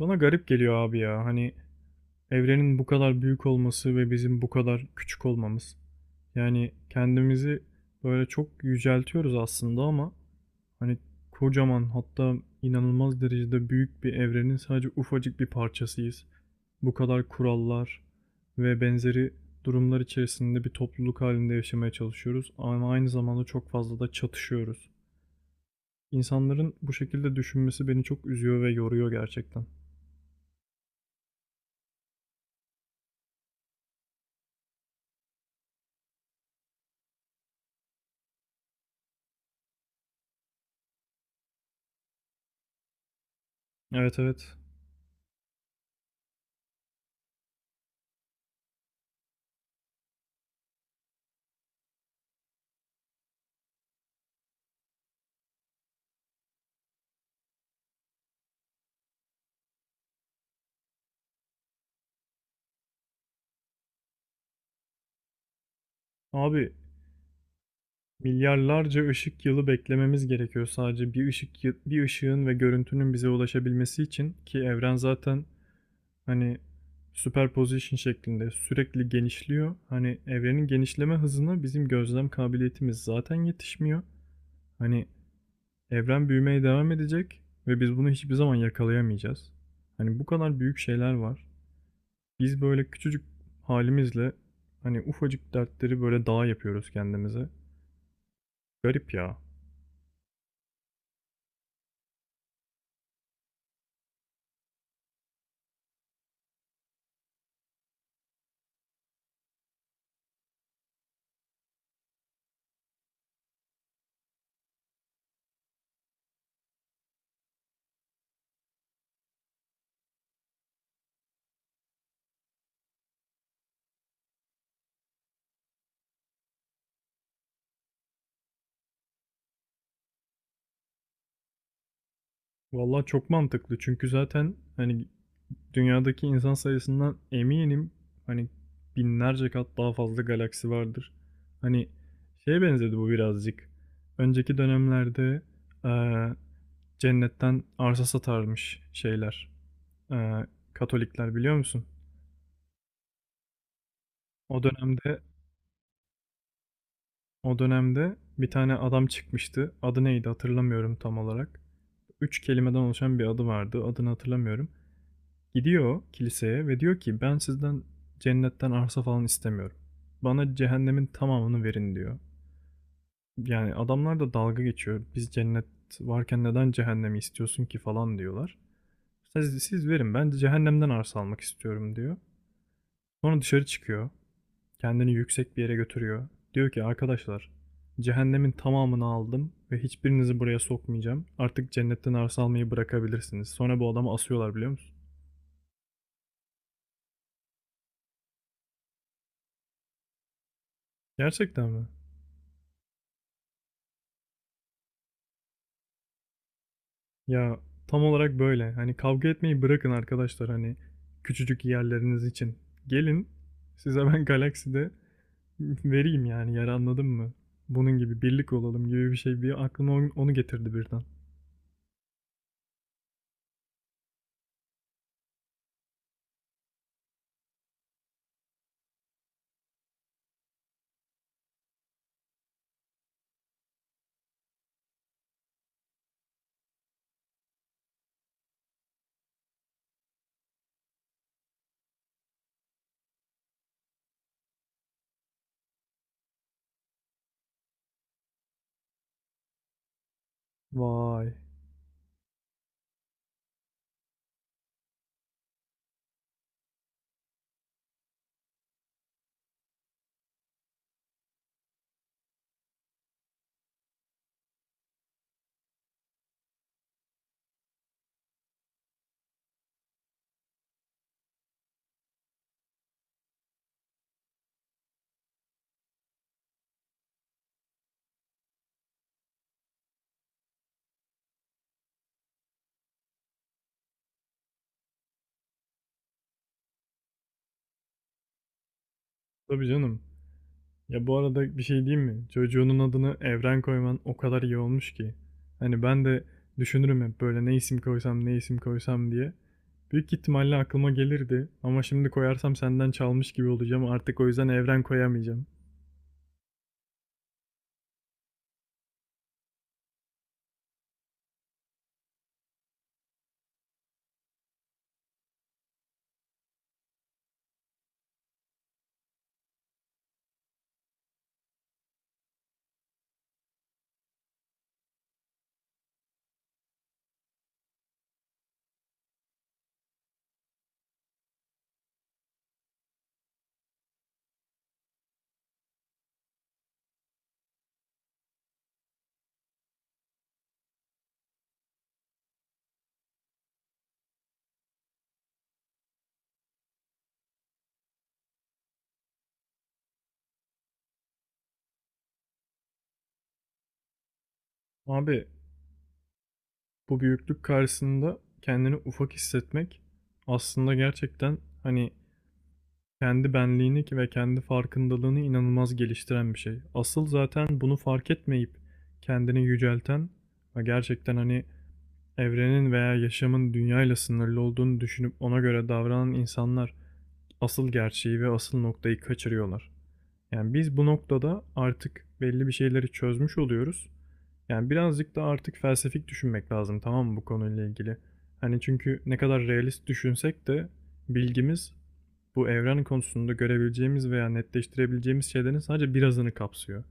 Bana garip geliyor abi ya. Hani evrenin bu kadar büyük olması ve bizim bu kadar küçük olmamız. Yani kendimizi böyle çok yüceltiyoruz aslında ama hani kocaman hatta inanılmaz derecede büyük bir evrenin sadece ufacık bir parçasıyız. Bu kadar kurallar ve benzeri durumlar içerisinde bir topluluk halinde yaşamaya çalışıyoruz ama aynı zamanda çok fazla da çatışıyoruz. İnsanların bu şekilde düşünmesi beni çok üzüyor ve yoruyor gerçekten. Evet evet. Abi milyarlarca ışık yılı beklememiz gerekiyor sadece bir ışığın ve görüntünün bize ulaşabilmesi için ki evren zaten hani superposition şeklinde sürekli genişliyor. Hani evrenin genişleme hızına bizim gözlem kabiliyetimiz zaten yetişmiyor. Hani evren büyümeye devam edecek ve biz bunu hiçbir zaman yakalayamayacağız. Hani bu kadar büyük şeyler var. Biz böyle küçücük halimizle hani ufacık dertleri böyle dağ yapıyoruz kendimize. Garip ya. Vallahi çok mantıklı çünkü zaten hani dünyadaki insan sayısından eminim hani binlerce kat daha fazla galaksi vardır. Hani şeye benzedi bu birazcık. Önceki dönemlerde eee, cennetten arsa satarmış şeyler. Eee, Katolikler biliyor musun? O dönemde o dönemde bir tane adam çıkmıştı. Adı neydi hatırlamıyorum tam olarak. Üç kelimeden oluşan bir adı vardı. Adını hatırlamıyorum. Gidiyor kiliseye ve diyor ki ben sizden cennetten arsa falan istemiyorum. Bana cehennemin tamamını verin diyor. Yani adamlar da dalga geçiyor. Biz cennet varken neden cehennemi istiyorsun ki falan diyorlar. Siz verin ben cehennemden arsa almak istiyorum diyor. Sonra dışarı çıkıyor. Kendini yüksek bir yere götürüyor. Diyor ki arkadaşlar cehennemin tamamını aldım ve hiçbirinizi buraya sokmayacağım. Artık cennetten arsa almayı bırakabilirsiniz. Sonra bu adamı asıyorlar biliyor musun? Gerçekten mi? Ya tam olarak böyle. Hani kavga etmeyi bırakın arkadaşlar hani küçücük yerleriniz için. Gelin size ben galakside vereyim yani yer anladın mı? Bunun gibi birlik olalım gibi bir şey bir aklıma onu getirdi birden. Vay. Tabii canım. Ya bu arada bir şey diyeyim mi? Çocuğunun adını Evren koyman o kadar iyi olmuş ki. Hani ben de düşünürüm hep böyle ne isim koysam ne isim koysam diye. Büyük ihtimalle aklıma gelirdi ama şimdi koyarsam senden çalmış gibi olacağım. Artık o yüzden evren koyamayacağım. Abi bu büyüklük karşısında kendini ufak hissetmek aslında gerçekten hani kendi benliğini ve kendi farkındalığını inanılmaz geliştiren bir şey. Asıl zaten bunu fark etmeyip kendini yücelten ve gerçekten hani evrenin veya yaşamın dünyayla sınırlı olduğunu düşünüp ona göre davranan insanlar asıl gerçeği ve asıl noktayı kaçırıyorlar. Yani biz bu noktada artık belli bir şeyleri çözmüş oluyoruz. Yani birazcık da artık felsefik düşünmek lazım tamam mı bu konuyla ilgili? Hani çünkü ne kadar realist düşünsek de bilgimiz bu evren konusunda görebileceğimiz veya netleştirebileceğimiz şeylerin sadece birazını kapsıyor.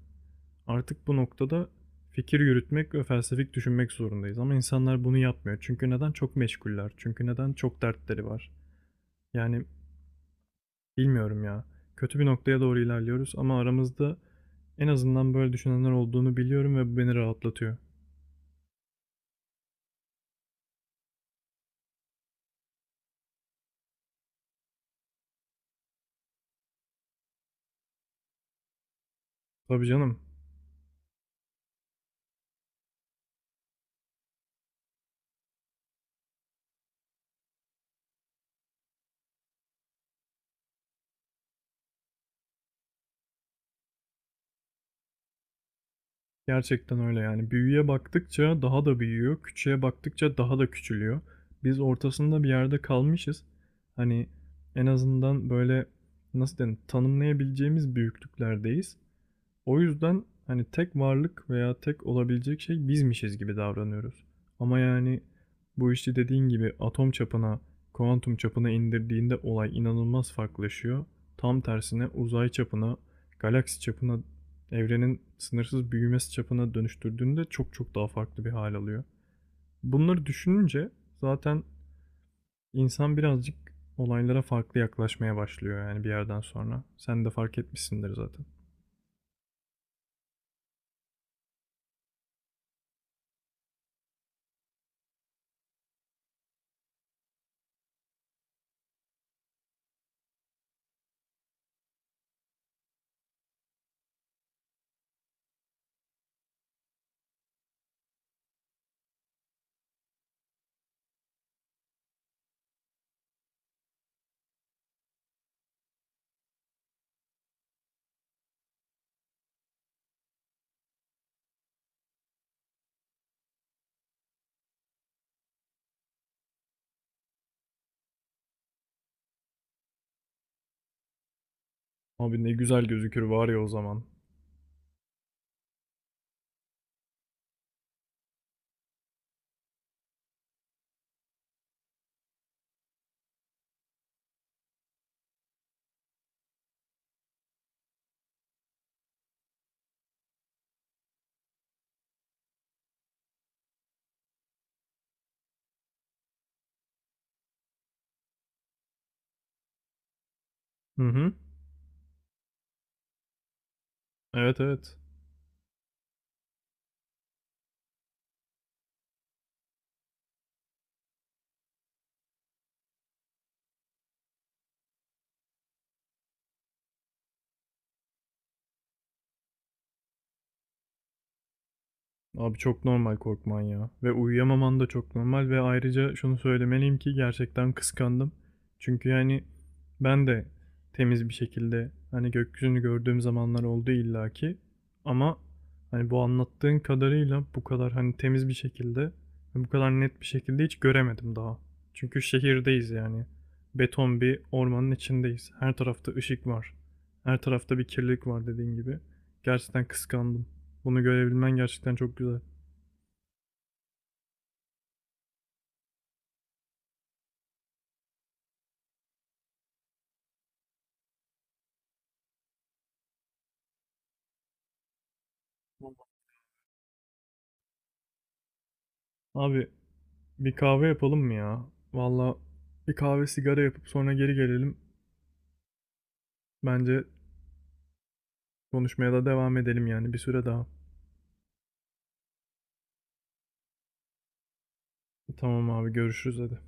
Artık bu noktada fikir yürütmek ve felsefik düşünmek zorundayız. Ama insanlar bunu yapmıyor. Çünkü neden? Çok meşguller. Çünkü neden? Çok dertleri var. Yani bilmiyorum ya. Kötü bir noktaya doğru ilerliyoruz ama aramızda en azından böyle düşünenler olduğunu biliyorum ve bu beni rahatlatıyor. Tabii canım. Gerçekten öyle yani. Büyüye baktıkça daha da büyüyor, küçüğe baktıkça daha da küçülüyor. Biz ortasında bir yerde kalmışız. Hani en azından böyle nasıl denir tanımlayabileceğimiz büyüklüklerdeyiz. O yüzden hani tek varlık veya tek olabilecek şey bizmişiz gibi davranıyoruz. Ama yani bu işi dediğin gibi atom çapına, kuantum çapına indirdiğinde olay inanılmaz farklılaşıyor. Tam tersine uzay çapına, galaksi çapına, evrenin sınırsız büyümesi çapına dönüştürdüğünde çok çok daha farklı bir hal alıyor. Bunları düşününce zaten insan birazcık olaylara farklı yaklaşmaya başlıyor yani bir yerden sonra. Sen de fark etmişsindir zaten. Abi ne güzel gözükür var ya o zaman. Hı hı. Evet evet. Abi çok normal korkman ya. Ve uyuyamaman da çok normal ve ayrıca şunu söylemeliyim ki gerçekten kıskandım. Çünkü yani ben de temiz bir şekilde hani gökyüzünü gördüğüm zamanlar oldu illaki. Ama hani bu anlattığın kadarıyla bu kadar hani temiz bir şekilde ve bu kadar net bir şekilde hiç göremedim daha. Çünkü şehirdeyiz yani. Beton bir ormanın içindeyiz. Her tarafta ışık var. Her tarafta bir kirlilik var dediğin gibi. Gerçekten kıskandım. Bunu görebilmen gerçekten çok güzel. Abi bir kahve yapalım mı ya? Valla bir kahve sigara yapıp sonra geri gelelim. Bence konuşmaya da devam edelim yani bir süre daha. Tamam abi görüşürüz hadi.